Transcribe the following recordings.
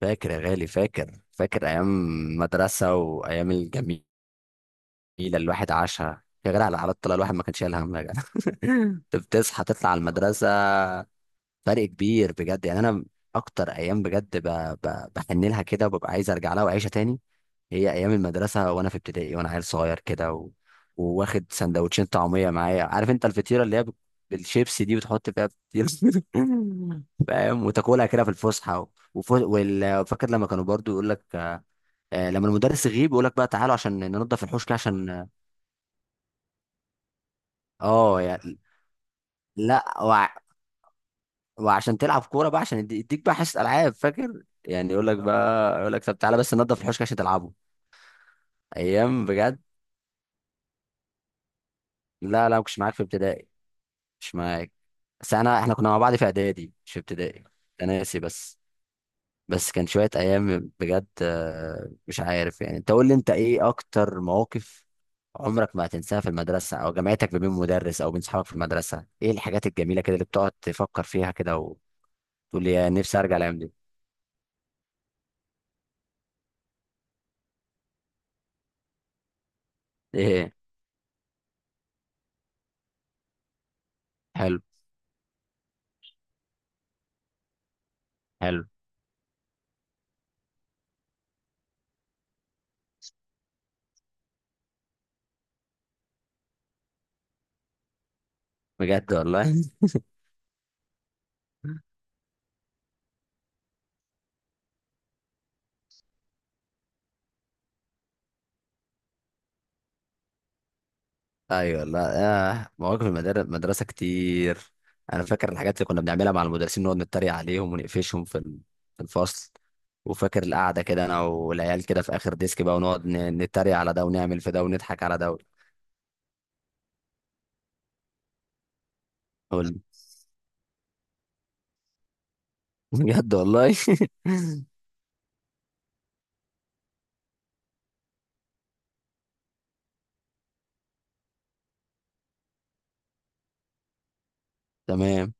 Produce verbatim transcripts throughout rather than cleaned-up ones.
فاكر يا غالي، فاكر فاكر ايام مدرسه وايام الجميله. اللي الواحد عاشها يا غالي، على حالات طلع الواحد ما كانش شايل هم يا جدع. كنت بتصحى تطلع على المدرسه. فرق كبير بجد. يعني انا اكتر ايام بجد ب... ب... بحن لها كده وببقى عايز ارجع لها واعيشها تاني. هي ايام المدرسه وانا في ابتدائي وانا عيل صغير كده و... وواخد سندوتشين طعميه معايا. عارف انت الفطيره اللي هي ب- بالشيبسي دي بتحط فيها فطير. فاهم. وتاكلها كده في الفسحه و... وف... وال... فاكر لما كانوا برضو يقول لك آه، لما المدرس يغيب يقول لك بقى تعالوا عشان ننضف الحوش كده عشان... اه يعني. لا، وع... وعشان تلعب كوره بقى، عشان يدي- يديك بقى حصه العاب. فاكر يعني يقول لك بقى، يقول لك: طب تعالى بس ننضف الحوش كده عشان تلعبوا. ايام بجد. لا، لا، ما كنتش معاك في ابتدائي، مش معاك. بس انا، احنا كنا مع بعض في اعدادي مش في ابتدائي، انا ناسي بس. بس كان شوية أيام بجد. آه، مش عارف. يعني أنت قول لي: أنت إيه أكتر مواقف عمرك ما هتنساها في المدرسة أو جامعتك، ما بين مدرس أو بين صحابك في المدرسة، إيه الحاجات الجميلة كده اللي بتقعد تفكر فيها كده وتقول لي: يا نفسي أرجع الأيام دي؟ إيه؟ حلو. حلو. بجد والله. ايوه. لا. آه مواقف المدار- المدرسه كتير. انا فاكر الحاجات اللي كنا بنعملها مع المدرسين، نقعد نتريق عليهم ونقفشهم في ال- في الفصل. وفاكر القعده كده انا والعيال كده في اخر ديسك بقى، ونقعد ن- نتريق على ده ونعمل في ده ونضحك على ده. قول. بجد والله. تمام.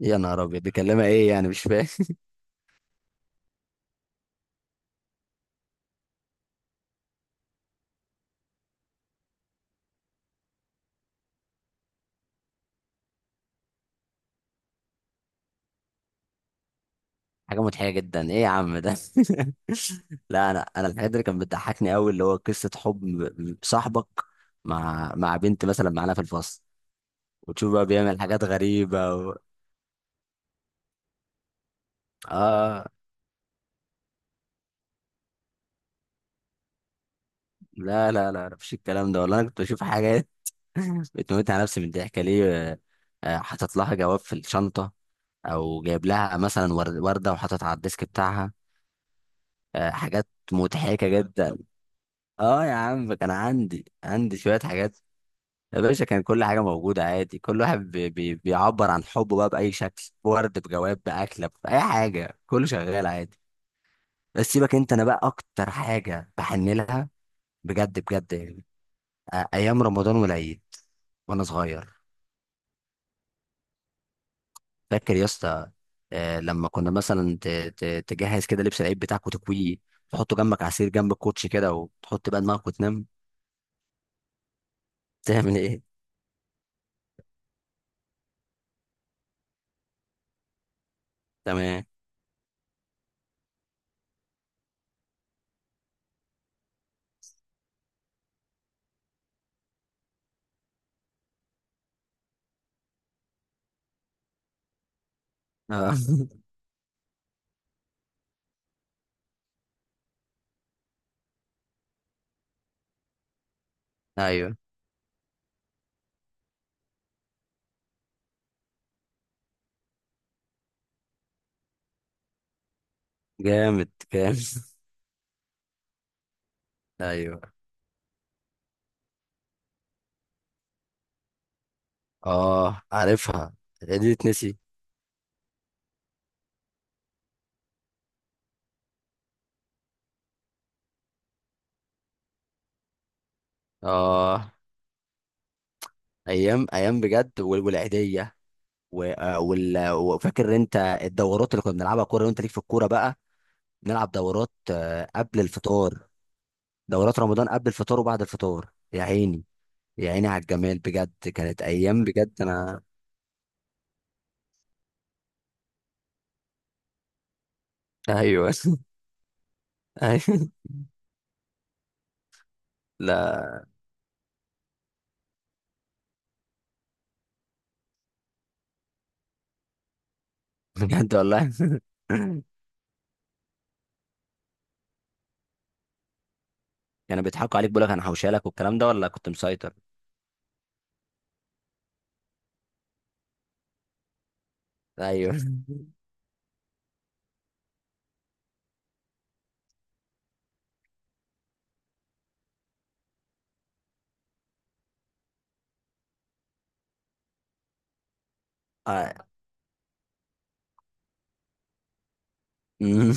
يا نهار ابيض، دي كلمه ايه يعني؟ مش فاهم. حاجه مضحكه جدا، ايه يا عم ده؟ لا. انا انا الحاجات اللي كانت بتضحكني قوي اللي هو قصه حب ب- صاحبك مع مع بنت مثلا معانا في الفصل. وتشوف بقى بيعمل حاجات غريبة. اه. لا، لا، لا، لا، مفيش الكلام ده والله. انا كنت بشوف حاجات. بتموت على نفسي من الضحك ليه؟ آه، آه، حاطط لها جواب في الشنطه، او جايب لها مثلا ور- ورده وحاططها على الديسك بتاعها. آه، حاجات مضحكه جدا. اه يا عم، كان عندي عندي شويه حاجات. يا باشا، كان كل حاجه موجوده عادي، كل واحد بي بي بيعبر عن حبه بقى باي شكل، ورد، بجواب، باكله، باي حاجه، كله شغال عادي. بس سيبك انت. انا بقى اكتر حاجه بحن لها بجد، بجد يعني. آه، ايام رمضان والعيد وانا صغير. فاكر يا اسطى؟ آه، لما كنا مثلا ت- ت- تجهز كده لبس العيد بتاعك وتكويه، تحطه جنبك، عصير جنب الكوتش كده، وتحط بقى دماغك وتنام. تعمل ايه؟ تمام. آه. ايوه. جامد، جامد. ايوه. اه، عارفها. دي تنسي. اه، ايام، ايام بجد. وال- والعيديه. و- آه، وال- وفاكر انت الدورات اللي كنا بنلعبها كوره، وانت ليك في الكوره بقى. نلعب دورات آه، قبل الفطار. دورات رمضان قبل الفطار وبعد الفطار. يا عيني، يا عيني على الجمال. بجد كانت ايام بجد انا. ايوه. ايوه. لا، بجد والله. كانوا بيضحكوا عليك، بيقول لك انا حوشالك والكلام ده، ولا كنت مسيطر؟ ايوه. آه. أمم.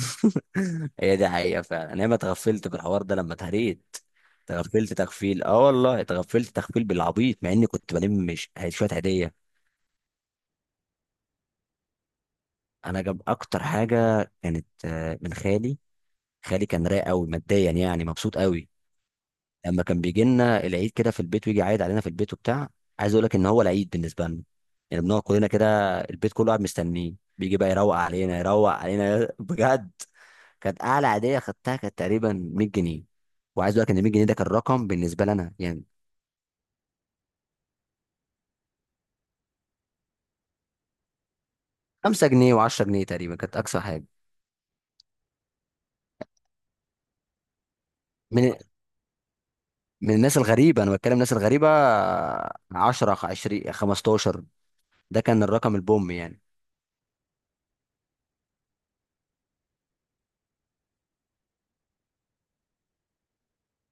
هي دي حقيقة فعلا، انا ما اتغفلت بالحوار ده لما اتهريت. اتغفلت تغفيل اه والله، اتغفلت تغفيل بالعبيط مع اني كنت بلم مش شوية هدية. انا جاب اكتر حاجة كانت آه، من خالي. خالي كان رايق قوي ماديا، يعني مبسوط قوي. لما كان بيجي لنا العيد كده في البيت ويجي عايد علينا في البيت وبتاع. عايز اقول لك ان هو العيد بالنسبه لنا، يعني بنقعد كلنا كده، البيت كله قاعد مستنيه، بيجي بقى يروق علينا، يروق علينا. بجد. كانت اعلى عاديه خدتها كانت تقريبا مية جنيه. وعايز اقول لك ان مية جنيه ده كان رقم بالنسبه لنا يعني. خمسة جنيه و10 جنيه تقريبا كانت اقصى حاجه. من من الناس الغريبه، انا بتكلم الناس الغريبه. عشرة، عشرين، خمستاشر، ده كان الرقم البوم يعني.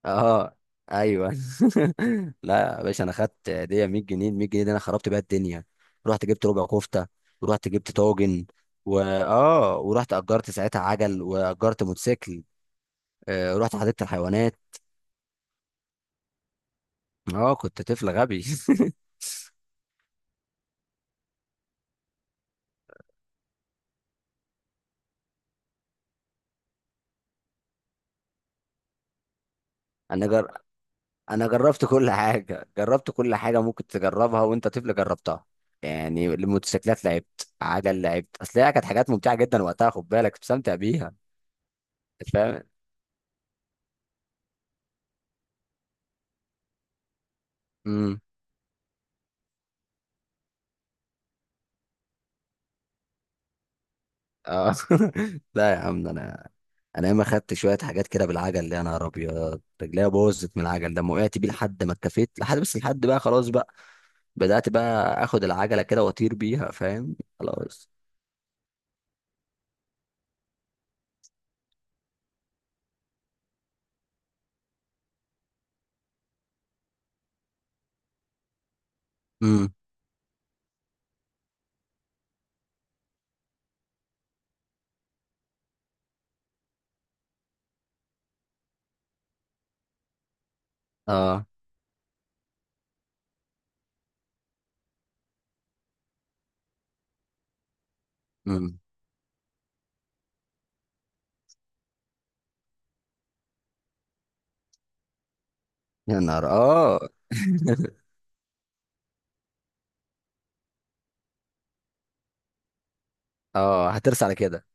اه. ايوه. لا يا باشا، انا خدت هديه مية جنيه. ال مية جنيه دي انا خربت بيها الدنيا. رحت جبت ربع كفته، ورحت جبت طاجن، واه ورحت اجرت ساعتها عجل واجرت موتوسيكل. آه رحت حديقه الحيوانات. اه كنت طفل غبي. انا جر... انا جربت كل حاجه، جربت كل حاجه ممكن تجربها وانت طفل جربتها. يعني الموتوسيكلات لعبت، عجل لعبت، اصل هي كانت حاجات ممتعه جدا وقتها، خد بالك كنت بستمتع بيها. أنت فاهم؟ امم اه. لا يا عم، ده انا. انا ياما خدت شويه حاجات كده بالعجل، اللي انا نهار ابيض، رجليا بوظت من العجل ده، ما وقعت بيه لحد ما اتكفيت لحد، بس لحد بقى خلاص بقى. بدات بقى اخد العجله كده واطير بيها. فاهم خلاص. امم اه. امم يا نهار اه. اه، هترس على كده.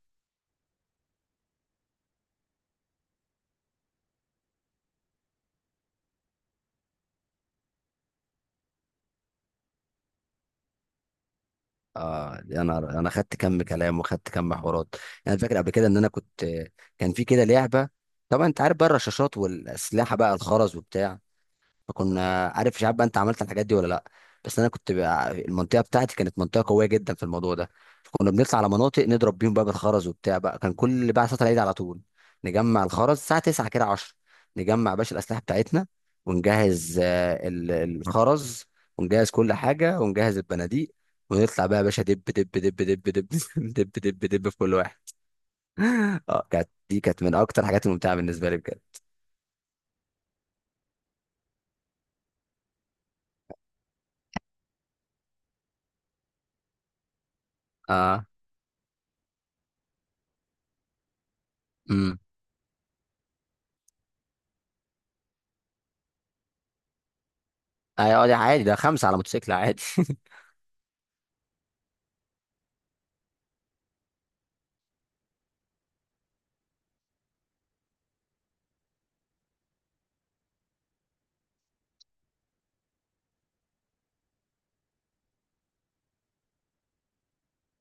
اه يا نهار، انا خدت كم كلام وخدت كم حوارات. انا فاكر قبل كده ان انا كنت... كان في كده لعبه. طبعا انت عارف بقى الرشاشات والاسلحه بقى، الخرز وبتاع. فكنا، عارف مش عارف بقى انت عملت الحاجات دي ولا لا. بس انا كنت بقى، المنطقه بتاعتي كانت منطقه قويه جدا في الموضوع ده. فكنا بنطلع على مناطق نضرب بيهم بقى بالخرز وبتاع بقى. كان كل بقى صلاه العيد على طول نجمع الخرز الساعه تسعة كده، عشرة، نجمع باشا الاسلحه بتاعتنا، ونجهز آه، ال- الخرز، ونجهز كل حاجه، ونجهز البنادق. ونطلع بقى يا باشا، دب دب دب دب دب دب دب دب في كل واحد. اه كانت دي، كانت من اكتر الحاجات الممتعه بالنسبه لي بجد. اه. امم ايوه دي عادي، ده خمسه على موتوسيكل عادي.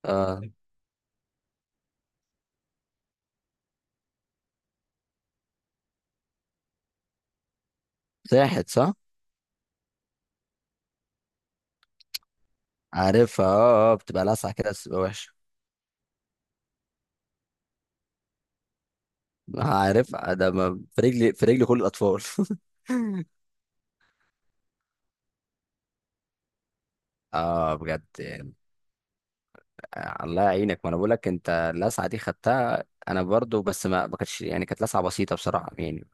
اه، ساحت صح. عارفها. اه. اه بتبقى لسعة كده بس بتبقى وحشة. عارفها. ده ما- في رجلي، في رجلي كل الأطفال. اه بجد يعني. آه، الله يعينك. ما انا بقول لك انت، اللسعة دي خدتها انا برضو، بس ما ما كانتش، يعني كانت لسعة بسيطة بصراحة يعني.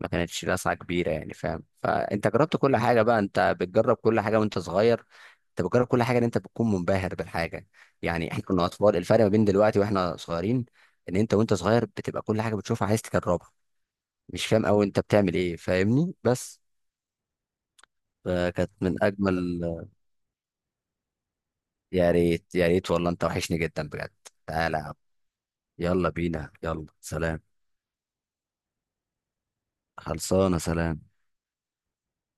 ما كانتش لسعة كبيرة يعني، فاهم. فانت جربت كل حاجة بقى، انت بتجرب كل حاجة وانت صغير. انت بتجرب كل حاجه، ان انت بتكون منبهر بالحاجه. يعني احنا كنا اطفال، الفرق ما بين دلوقتي واحنا صغيرين، ان انت وانت صغير بتبقى كل حاجه بتشوفها عايز تجربها، مش فاهم أوي أنت بتعمل إيه، فاهمني بس. فكانت من أجمل... يا ريت، يا ريت والله، أنت وحشني جدا بجد. تعالى يا عم. يلا بينا. يلا سلام. خلصانة. سلام.